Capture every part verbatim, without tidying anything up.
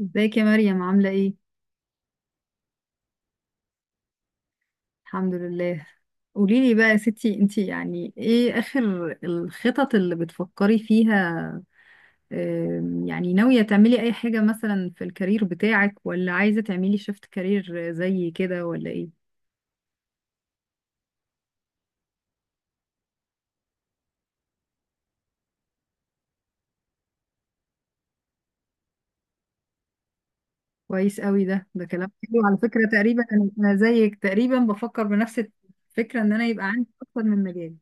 ازيك يا مريم عاملة ايه؟ الحمد لله. قوليلي بقى يا ستي، انتي يعني ايه اخر الخطط اللي بتفكري فيها؟ آم، يعني ناوية تعملي اي حاجة مثلا في الكارير بتاعك، ولا عايزة تعملي شيفت كارير زي كده ولا ايه؟ كويس قوي، ده ده كلام حلو على فكرة. تقريبا انا أنا زيك، تقريبا بفكر بنفس الفكرة، ان انا يبقى عندي اكتر من مجال.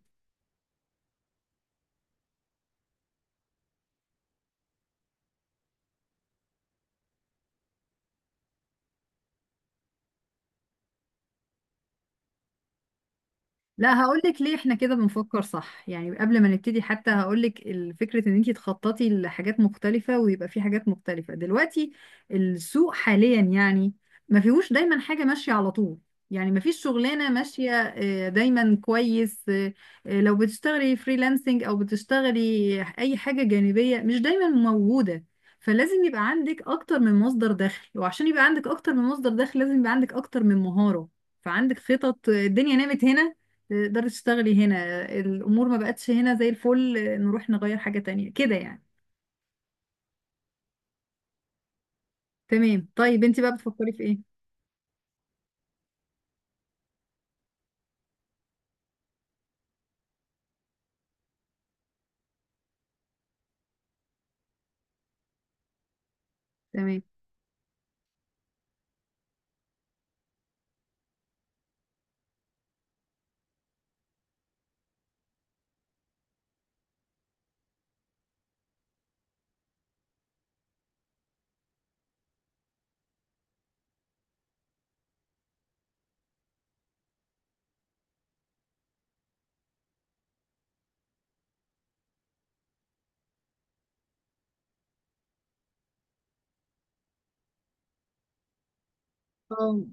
لا هقولك ليه احنا كده بنفكر صح، يعني قبل ما نبتدي حتى هقولك. فكرة ان انتي تخططي لحاجات مختلفة ويبقى في حاجات مختلفة دلوقتي، السوق حاليا يعني ما فيهوش دايما حاجة ماشية على طول، يعني ما فيش شغلانة ماشية آه، دايما كويس. آه، آه، لو بتشتغلي فريلانسنج او بتشتغلي اي حاجة جانبية، مش دايما موجودة. فلازم يبقى عندك اكتر من مصدر دخل، وعشان يبقى عندك اكتر من مصدر دخل لازم يبقى عندك اكتر من مهارة. فعندك خطط آه، الدنيا نامت هنا، تقدري تشتغلي هنا. الامور ما بقتش هنا زي الفل، نروح نغير حاجة تانية كده يعني. تمام، طيب انت بقى بتفكري في ايه؟ تمام. اه،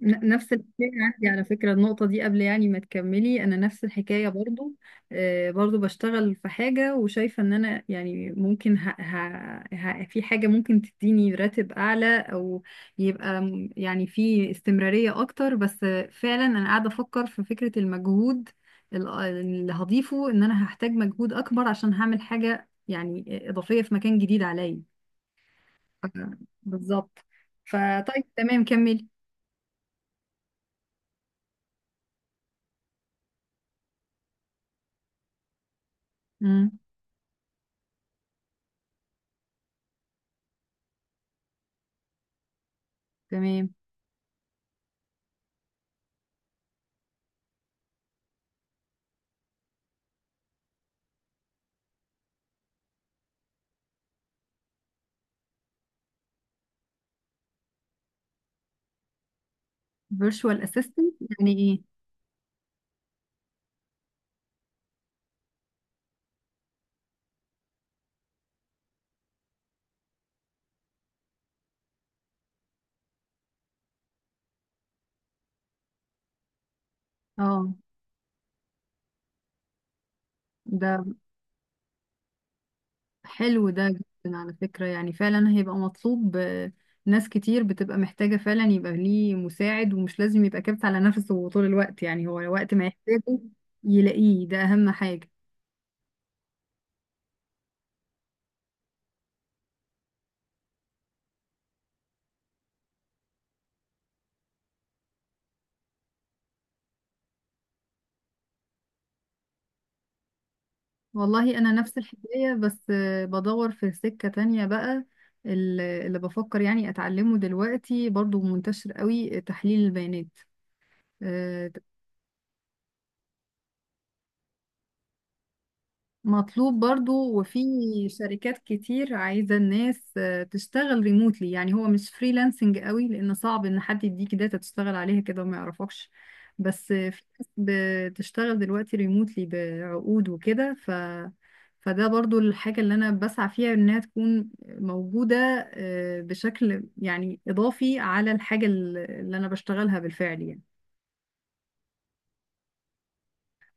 ن- نفس الحكاية عندي على فكرة. النقطة دي قبل يعني ما تكملي، أنا نفس الحكاية برضو. آه، برضو بشتغل في حاجة وشايفة إن أنا يعني ممكن ه... ه... ه... في حاجة ممكن تديني راتب أعلى، أو يبقى م- يعني في استمرارية أكتر. بس آه، فعلا أنا قاعدة أفكر في فكرة المجهود ال- اللي هضيفه، إن أنا هحتاج مجهود أكبر عشان هعمل حاجة يعني إضافية في مكان جديد عليا. ف- بالظبط. فطيب تمام، كملي. مم. تمام. فيرتشوال اسيستنت يعني ايه؟ اه. ده حلو ده جدا على فكرة، يعني فعلا هيبقى مطلوب. آه، ناس كتير بتبقى محتاجة فعلا يبقى ليه مساعد، ومش لازم يبقى كابت على نفسه طول الوقت، يعني هو وقت ما يحتاجه يلاقيه، ده أهم حاجة. والله أنا نفس الحكاية، بس آه، بدور في سكة تانية بقى. ال- اللي بفكر يعني أتعلمه دلوقتي برضو منتشر قوي، آه، تحليل البيانات. آه، مطلوب برضو، وفي شركات كتير عايزة الناس آه، تشتغل ريموتلي. يعني هو مش فريلانسنج قوي، لأن صعب إن حد يديك داتا تشتغل عليها كده وما يعرفكش، بس آه، في ناس بتشتغل دلوقتي ريموتلي بعقود وكده. ف فده برضو الحاجة اللي أنا بسعى فيها إنها تكون موجودة، آه، بشكل يعني إضافي على الحاجة اللي اللي أنا بشتغلها بالفعل يعني.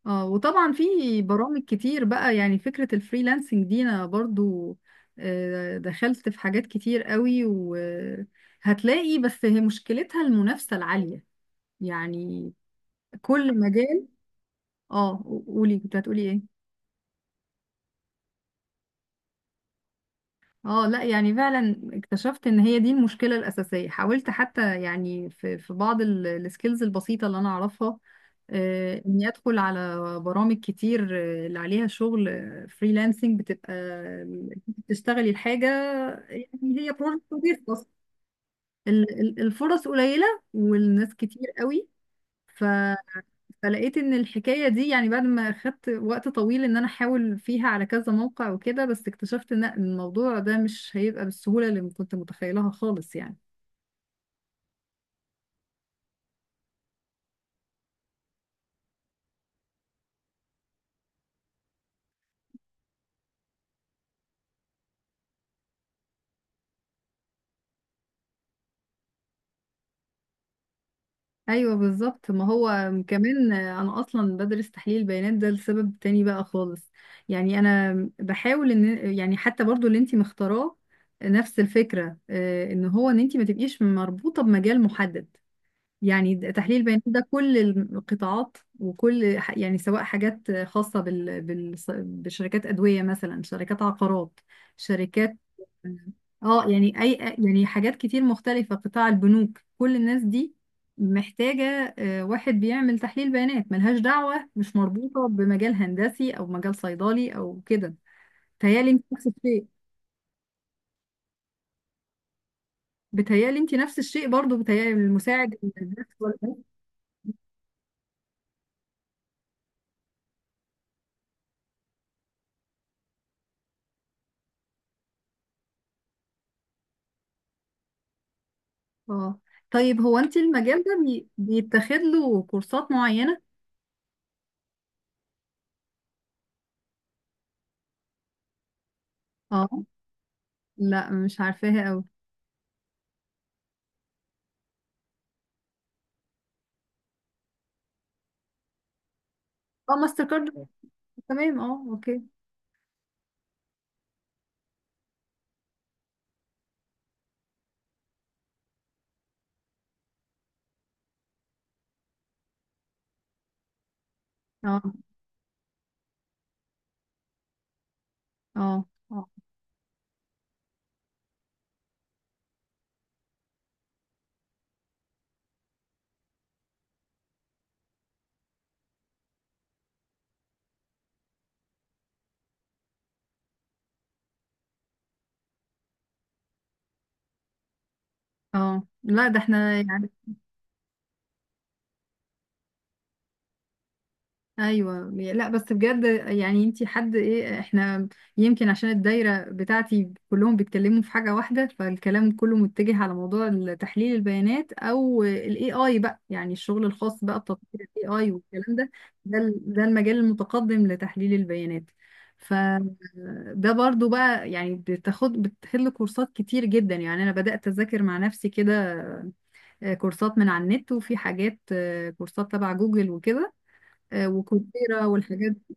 اه، وطبعا في برامج كتير بقى. يعني فكرة الفريلانسنج دي انا برضو آه، دخلت في حاجات كتير قوي، وهتلاقي بس هي مشكلتها المنافسة العالية يعني، كل مجال. اه، قولي، كنت هتقولي ايه؟ اه لا، يعني فعلا اكتشفت ان هي دي المشكله الاساسيه. حاولت حتى يعني في في بعض ال- السكيلز البسيطه اللي انا اعرفها، آه، اني ادخل على برامج كتير آه، اللي عليها شغل فريلانسنج. بتبقى انت بتشتغلي الحاجه، يعني هي بروجكت وبيخلص. ال- ال- الفرص قليله والناس كتير قوي. فلقيت ان الحكايه دي يعني بعد ما خدت وقت طويل ان انا احاول فيها على كذا موقع وكده، بس اكتشفت ان الموضوع ده مش هيبقى بالسهوله اللي كنت متخيلها خالص يعني. ايوه بالظبط. ما هو كمان انا اصلا بدرس تحليل بيانات ده لسبب تاني بقى خالص، يعني انا بحاول ان يعني حتى برضو اللي انتي مختاراه نفس الفكره. آه، ان هو ان انتي ما تبقيش مربوطه بمجال محدد. يعني د- تحليل البيانات ده كل القطاعات وكل ح- يعني، سواء حاجات خاصة بال... بال... بشركات أدوية مثلا، شركات عقارات، شركات، اه يعني أي، يعني حاجات كتير مختلفة، قطاع البنوك، كل الناس دي محتاجة آه، واحد بيعمل تحليل بيانات، ملهاش دعوة، مش مربوطة بمجال هندسي أو مجال صيدلي أو كده. بتهيألي انت نفس الشيء. بتهيألي انت نفس الشيء برضو، بتهيألي المساعد. اه. طيب هو انت المجال ده بي... بيتاخد له كورسات معينة؟ اه. لا مش عارفاها قوي. اه، ماستر كارد. تمام اه، اوكي. اه. اه. اه. اه لا، ده احنا يعني. ايوه لا، بس بجد يعني انتي حد ايه؟ احنا يمكن عشان الدايره بتاعتي كلهم بيتكلموا في حاجه واحده، فالكلام كله متجه على موضوع تحليل البيانات، او الاي اي بقى، يعني الشغل الخاص بقى بتطوير الاي اي والكلام ده. ده ال- ده المجال المتقدم لتحليل البيانات. فده برضو بقى يعني بتاخد، بتحل كورسات كتير جدا. يعني انا بدات اذاكر مع نفسي كده، آه، كورسات من على النت، وفي حاجات آه، كورسات تبع جوجل وكده، آه، وكورسيرا والحاجات دي.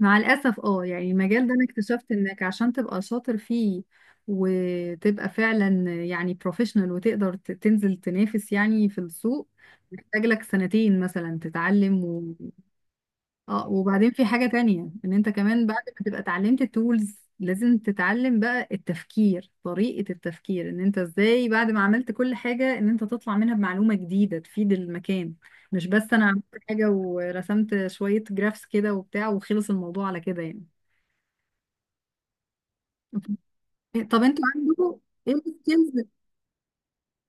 مع الأسف اه، يعني المجال ده أنا اكتشفت إنك عشان تبقى شاطر فيه وتبقى فعلا يعني بروفيشنال وتقدر ت- تنزل تنافس يعني في السوق، محتاج لك سنتين مثلا تتعلم. اه، وبعدين في حاجة تانية، ان انت كمان بعد ما تبقى اتعلمت التولز، لازم تتعلم بقى التفكير، طريقة التفكير ان انت ازاي بعد ما عملت كل حاجة ان انت تطلع منها بمعلومة جديدة تفيد المكان. مش بس انا عملت حاجة ورسمت شوية جرافس كده وبتاع وخلص الموضوع على كده يعني. طب انتوا عندكم ايه السكيلز،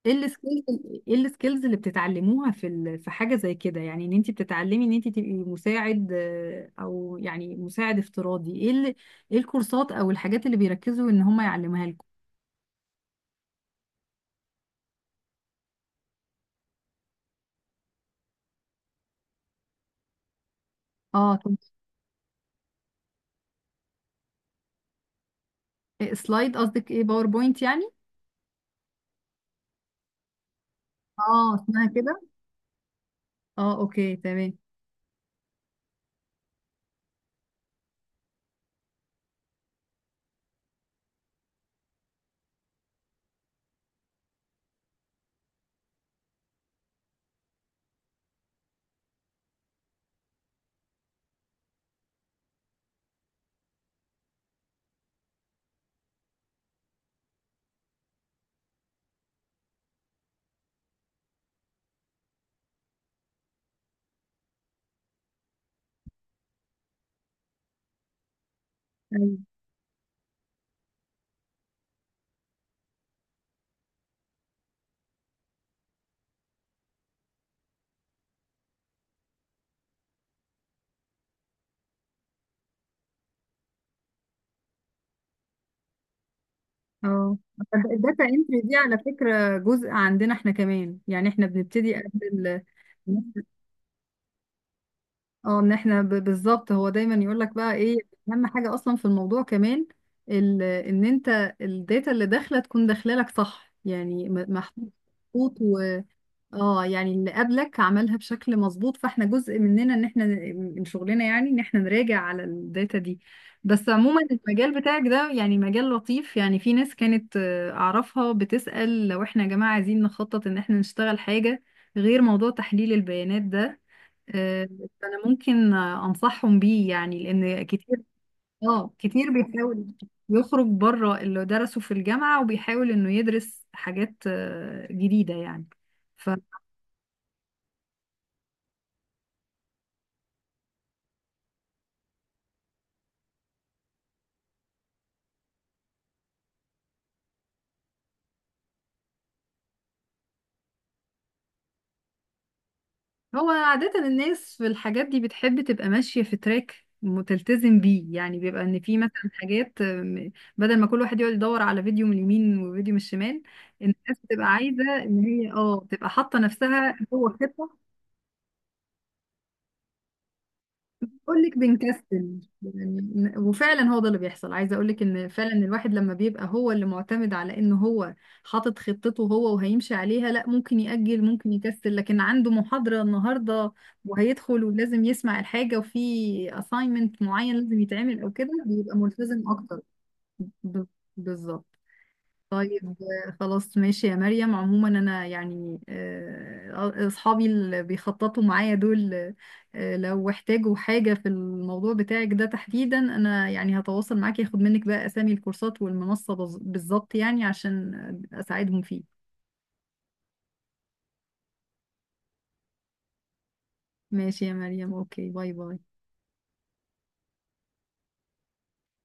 ايه السكيلز، ايه السكيلز اللي بتتعلموها في ال- في حاجه زي كده؟ يعني ان انت بتتعلمي ان انت تبقي مساعد آه، او يعني مساعد افتراضي، ايه ال- ايه الكورسات او الحاجات اللي بيركزوا ان هم يعلموها لكم؟ اه. طب إيه، سلايد قصدك ايه، باوربوينت يعني؟ اه، اسمها كده. اه اوكي تمام. ايوه. اه. طب الداتا انتري دي على فكره جزء عندنا احنا كمان، يعني احنا بنبتدي قبل ال- اه، ان احنا ب- بالظبط. هو دايما يقول لك بقى ايه اهم حاجه اصلا في الموضوع كمان، ال- ان انت الداتا اللي داخله تكون داخله لك صح، يعني م- محطوط، محطوط و اه يعني اللي قبلك عملها بشكل مظبوط، فاحنا جزء مننا ان احنا ن- من شغلنا يعني ان احنا نراجع على الداتا دي. بس عموما المجال بتاعك ده يعني مجال لطيف. يعني في ناس كانت آه، اعرفها بتسأل، لو احنا يا جماعه عايزين نخطط ان احنا نشتغل حاجه غير موضوع تحليل البيانات ده، آه، انا ممكن آه، انصحهم بيه يعني، لان كتير اه، كتير بيحاول يخرج بره اللي درسه في الجامعة وبيحاول انه يدرس حاجات آه، جديدة يعني، فهو عادة الناس في الحاجات دي بتحب تبقى ماشية في تراك متلتزم بيه. يعني بيبقى ان في مثلا حاجات آه، م- بدل ما كل واحد يقعد يدور على فيديو من اليمين وفيديو من الشمال، الناس بتبقى عايزة ان هي اه تبقى حاطة نفسها جوه خطة. بقول لك بنكسل يعني. ن- وفعلا هو ده اللي بيحصل. عايزه اقول لك ان فعلا الواحد لما بيبقى هو اللي معتمد على ان هو حاطط خطته هو وهيمشي عليها، لا، ممكن يأجل، ممكن يكسل. لكن عنده محاضره النهارده وهيدخل ولازم يسمع الحاجه، وفي assignment معين لازم يتعمل او كده، بيبقى ملتزم اكتر. ب- بالظبط. طيب. آه، خلاص ماشي يا مريم. عموما انا يعني آه، آه، اصحابي اللي بيخططوا معايا دول، آه، لو احتاجوا حاجة في الموضوع بتاعك ده تحديدا، انا يعني هتواصل معاك ياخد منك بقى اسامي الكورسات والمنصة بز- بالظبط يعني عشان اساعدهم فيه. ماشي يا مريم، اوكي، باي باي.